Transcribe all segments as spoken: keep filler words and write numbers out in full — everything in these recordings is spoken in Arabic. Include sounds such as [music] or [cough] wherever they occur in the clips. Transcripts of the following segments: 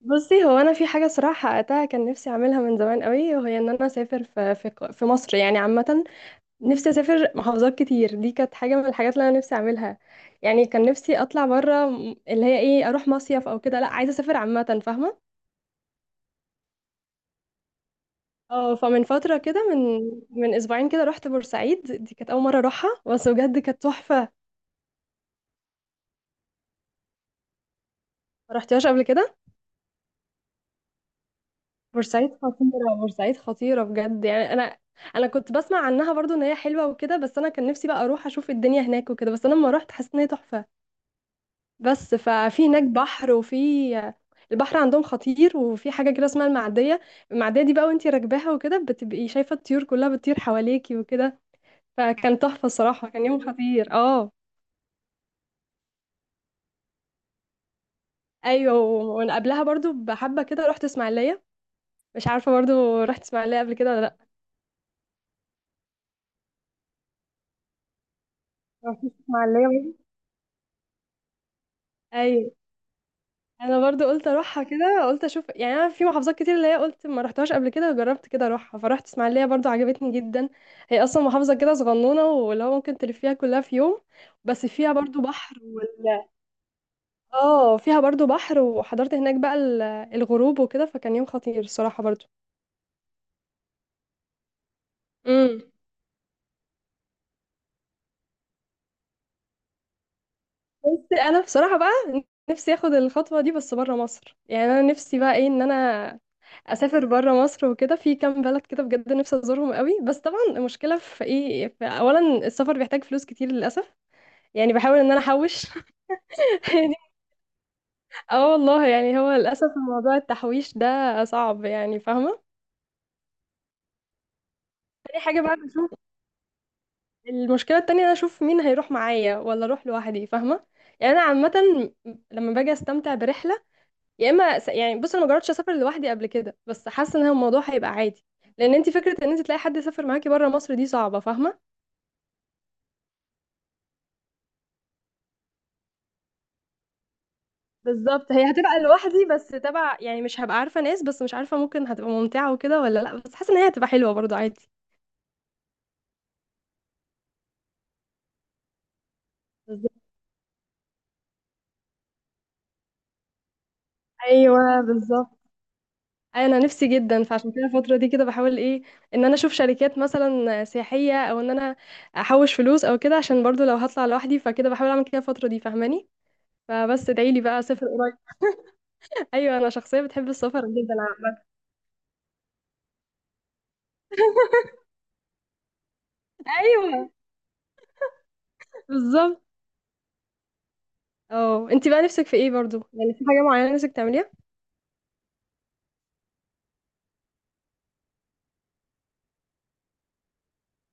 بصي، هو انا في حاجه صراحه حققتها. كان نفسي اعملها من زمان قوي، وهي ان انا اسافر في في ق- في مصر يعني عامه. نفسي اسافر محافظات كتير. دي كانت حاجه من الحاجات اللي انا نفسي اعملها. يعني كان نفسي اطلع بره م- اللي هي ايه اروح مصيف او كده. لا، عايزه اسافر عامه فاهمه. اه فمن فتره كده، من من اسبوعين كده، رحت بورسعيد. دي كانت اول مره اروحها، بس بجد كانت تحفه. ما رحتيهاش قبل كده؟ بورسعيد خطيرة، بورسعيد خطيرة بجد، يعني انا انا كنت بسمع عنها برضو ان هي حلوة وكده، بس انا كان نفسي بقى اروح اشوف الدنيا هناك وكده. بس انا لما رحت حسيت ان هي تحفة. بس ففي هناك بحر، وفي البحر عندهم خطير، وفي حاجة كده اسمها المعدية. المعدية دي بقى وانتي راكباها وكده، بتبقي شايفة الطيور كلها بتطير حواليكي وكده. فكان تحفة الصراحة، كان يوم خطير. اه، ايوه، وانا قبلها برضو بحبة كده رحت اسماعيلية. مش عارفة برضو رحت اسماعيلية قبل كده ولا لا. رحت اسماعيلية برضو؟ ايوه، انا برضو قلت اروحها كده، قلت اشوف، يعني انا في محافظات كتير اللي هي قلت ما رحتهاش قبل كده، جربت كده اروحها. فرحت اسماعيليه برضو، عجبتني جدا. هي اصلا محافظه كده صغنونه، واللي هو ممكن تلفيها كلها في يوم. بس فيها برضو بحر وال... اه فيها برضو بحر، وحضرت هناك بقى ال- الغروب وكده. فكان يوم خطير الصراحه برضو. امم بس انا بصراحه بقى، نفسي اخد الخطوه دي بس بره مصر. يعني انا نفسي بقى ايه، ان انا اسافر بره مصر وكده. في كام بلد كده بجد نفسي ازورهم قوي، بس طبعا المشكله في ايه، في اولا السفر بيحتاج فلوس كتير للاسف. يعني بحاول ان انا احوش. [laughs] يعني، اه والله، يعني هو للاسف موضوع التحويش ده صعب، يعني فاهمه. تاني حاجه بقى بشوف، المشكله التانية انا اشوف مين هيروح معايا ولا اروح لوحدي فاهمه. يعني انا عامه لما باجي استمتع برحله، يا اما س- يعني بص، انا ما جربتش اسافر لوحدي قبل كده، بس حاسه ان هو الموضوع هيبقى عادي. لان انت فكره ان انت تلاقي حد يسافر معاكي بره مصر دي صعبه فاهمه. بالظبط، هي هتبقى لوحدي بس تبع، يعني مش هبقى عارفة ناس، بس مش عارفة ممكن هتبقى ممتعة وكده ولا لا، بس حاسة ان هي هتبقى حلوة برضو عادي. بالظبط. ايوه، بالظبط. أيوة، انا نفسي جدا، فعشان كده الفترة دي كده بحاول ايه، ان انا اشوف شركات مثلا سياحية، او ان انا احوش فلوس او كده، عشان برضو لو هطلع لوحدي فكده بحاول اعمل كده الفترة دي فاهماني. فبس ادعيلي بقى اسافر قريب. [laughs] ايوه، انا شخصية بتحب السفر جدا عامة. [laughs] ايوه، بالظبط. اه، انتي بقى نفسك في ايه برضو، يعني في حاجة معينة نفسك تعمليها؟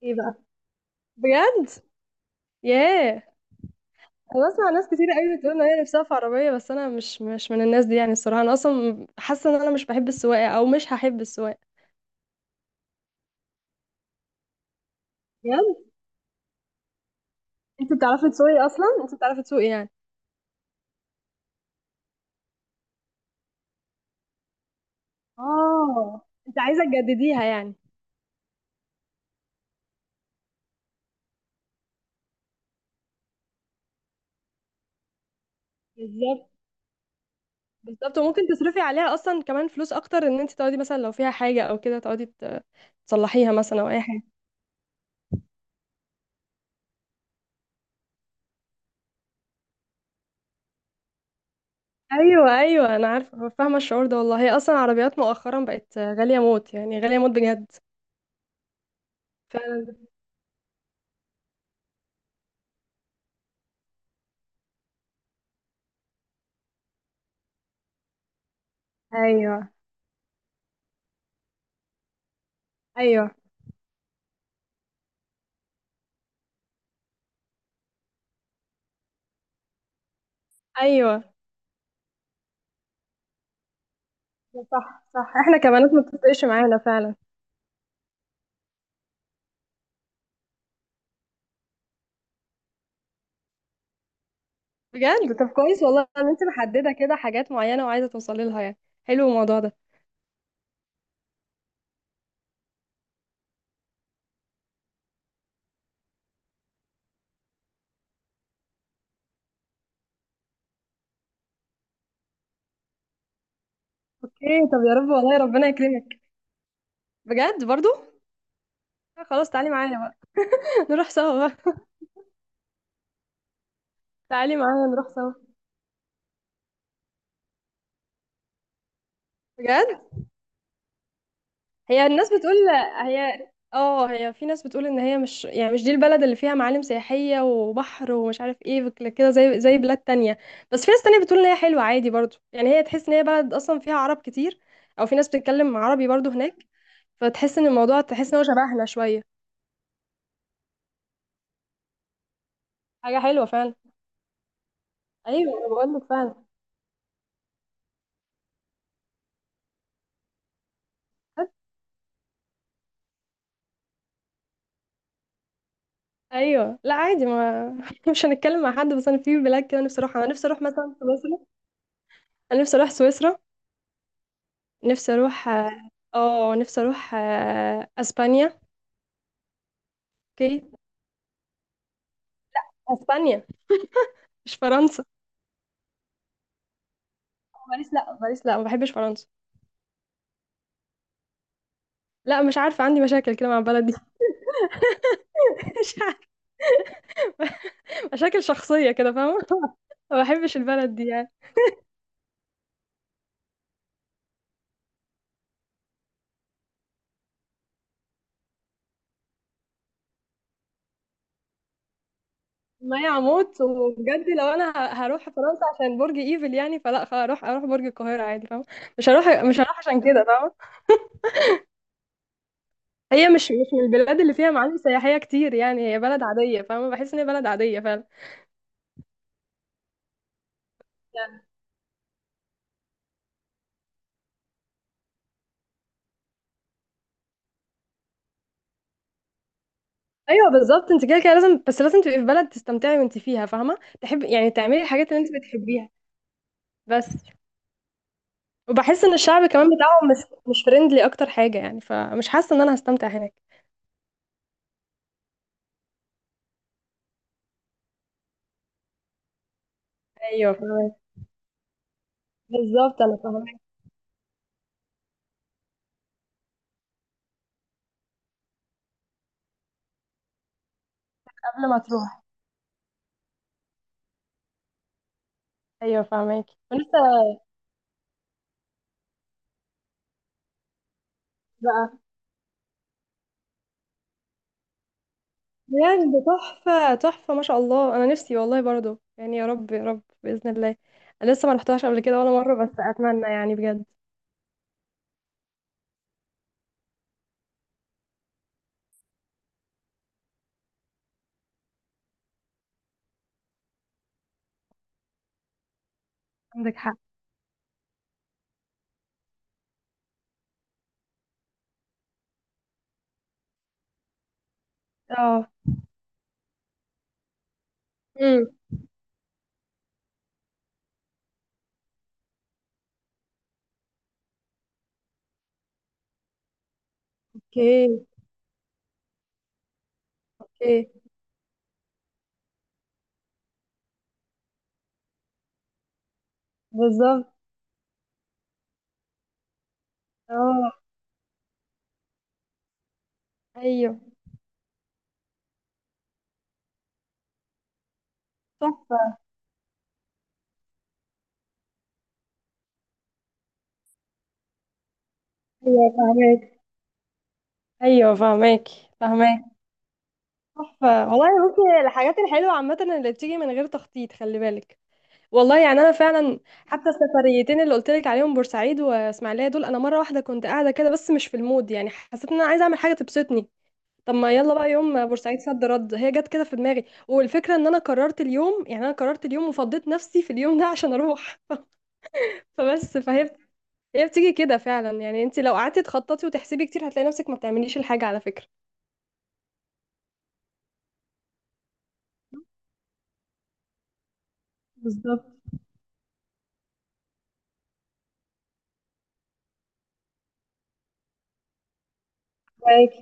ايه بقى؟ بجد؟ ياه. انا بسمع ناس كتير قوي بتقول ان هي نفسها في عربيه، بس انا مش مش من الناس دي يعني. الصراحه انا اصلا حاسه ان انا مش بحب السواقه، او مش هحب السواقه. بجد؟ انت بتعرفي تسوقي اصلا؟ انت بتعرفي تسوقي يعني؟ اه، انت عايزه تجدديها يعني. بالظبط. بالظبط، وممكن تصرفي عليها اصلا كمان فلوس اكتر، ان انت تقعدي مثلا لو فيها حاجه او كده، تقعدي ت- تصلحيها مثلا او اي حاجه. ايوه، ايوه، انا عارفه، فاهمه الشعور ده والله. هي اصلا عربيات مؤخرا بقت غاليه موت، يعني غاليه موت بجد. فعلا. ايوه، ايوه، ايوه. صح، صح، احنا كبنات ما بتفرقش معانا فعلا. بجد؟ طب كويس والله ان انت محدده كده حاجات معينه وعايزه توصلي لها يعني. حلو الموضوع ده. اوكي. طب يا رب والله ربنا يكرمك. بجد برضو. خلاص، تعالي معايا بقى. [laughs] نروح سوا بقى. تعالي معايا نروح سوا. بجد؟ هي الناس بتقول، هي، اه هي في ناس بتقول ان هي مش، يعني مش دي البلد اللي فيها معالم سياحية وبحر ومش عارف ايه وكده- كده زي زي بلاد تانية. بس في ناس تانية بتقول ان هي حلوة عادي برضو، يعني هي تحس ان هي بلد اصلا فيها عرب كتير، او في ناس بتتكلم عربي برضو هناك، فتحس ان الموضوع، تحس ان هو شبهنا شوية. حاجة حلوة فعلا. ايوه انا بقول لك فعلا. ايوه لا عادي، ما [laughs] مش هنتكلم مع حد. بس انا في بلاد كده نفسي اروحها. انا نفسي اروح مثلا سويسرا. انا نفسي اروح سويسرا. نفسي اروح اه آه، نفسي اروح آه، اسبانيا. اوكي، اسبانيا. مش فرنسا. باريس لا، باريس لا، ما بحبش فرنسا. لا، مش عارفه عندي مشاكل كده مع البلد دي. [laughs] مش عارفة. مشاكل شخصيه كده فاهمه. ما بحبش البلد دي يعني. ما هي عمود، وبجد لو انا ه- هروح فرنسا عشان برج ايفل، يعني فلا، خ- هروح اروح برج القاهره عادي فاهمه. مش هروح، مش هروح عشان كده فاهمه. هي مش مش من البلاد اللي فيها معالم سياحيه كتير يعني. هي بلد عاديه فاهمه، بحس ان هي بلد عاديه فعلا. ايوه، بالظبط. انت كده كده لازم، بس لازم تبقي في بلد تستمتعي وانت فيها فاهمه، تحب يعني تعملي الحاجات اللي انت بتحبيها. بس وبحس ان الشعب كمان بتاعهم مش مش فريندلي اكتر حاجه يعني، فمش حاسه ان انا هستمتع هناك. ايوه فاهمك. بالظبط، انا فاهمك. قبل ما تروح. ايوه فاهمك. ولسه بقى. بجد؟ تحفه، تحفه، ما شاء الله. انا نفسي والله برضو يعني، يا رب، يا رب باذن الله. انا لسه ما رحتهاش قبل كده ولا مره، بس اتمنى يعني بجد. عندك حق. اه. امم اوكي. اوكي. بالظبط. اه. ايوه. صح. ايوه فهمك. ايوه فهماكي، فهماكي. تحفه والله. بصي، الحاجات الحلوه عامه اللي بتيجي من غير تخطيط، خلي بالك. والله يعني انا فعلا، حتى السفريتين اللي قلت لك عليهم بورسعيد واسماعيليه دول، انا مره واحده كنت قاعده كده بس مش في المود، يعني حسيت ان انا عايزه اعمل حاجه تبسطني. طب ما يلا بقى يوم بورسعيد، صد رد هي جت كده في دماغي، والفكره ان انا قررت اليوم، يعني انا قررت اليوم وفضيت نفسي في اليوم ده عشان اروح. [laughs] فبس فهي هي بتيجي كده فعلا يعني. انت لو قعدتي تخططي وتحسبي كتير هتلاقي نفسك ما بتعمليش الحاجه على فكره. بالضبط. فاهماكِ،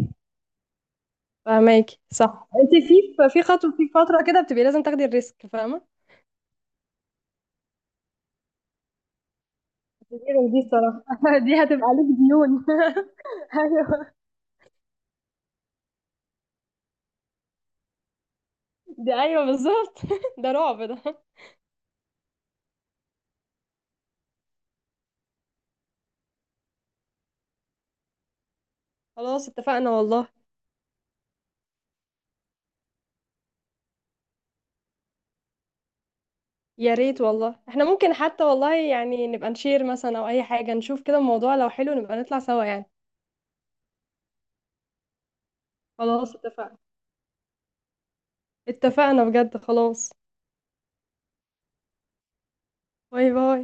فاهماكِ، صح. أنتِ في ف في خطوة في فترة كده بتبقي لازم تاخدي الrisk فاهمة؟ غير دي الصراحة. [laughs] دي هتبقى عليكِ ديون. [laughs] أيوه، دي أيوه بالضبط. [laughs] ده رعب ده. خلاص اتفقنا والله. يا ريت والله. إحنا ممكن حتى والله يعني نبقى نshare مثلًا أو أي حاجة، نشوف كده الموضوع لو حلو نبقى نطلع سوا يعني. خلاص اتفقنا، اتفقنا بجد خلاص. باي، باي.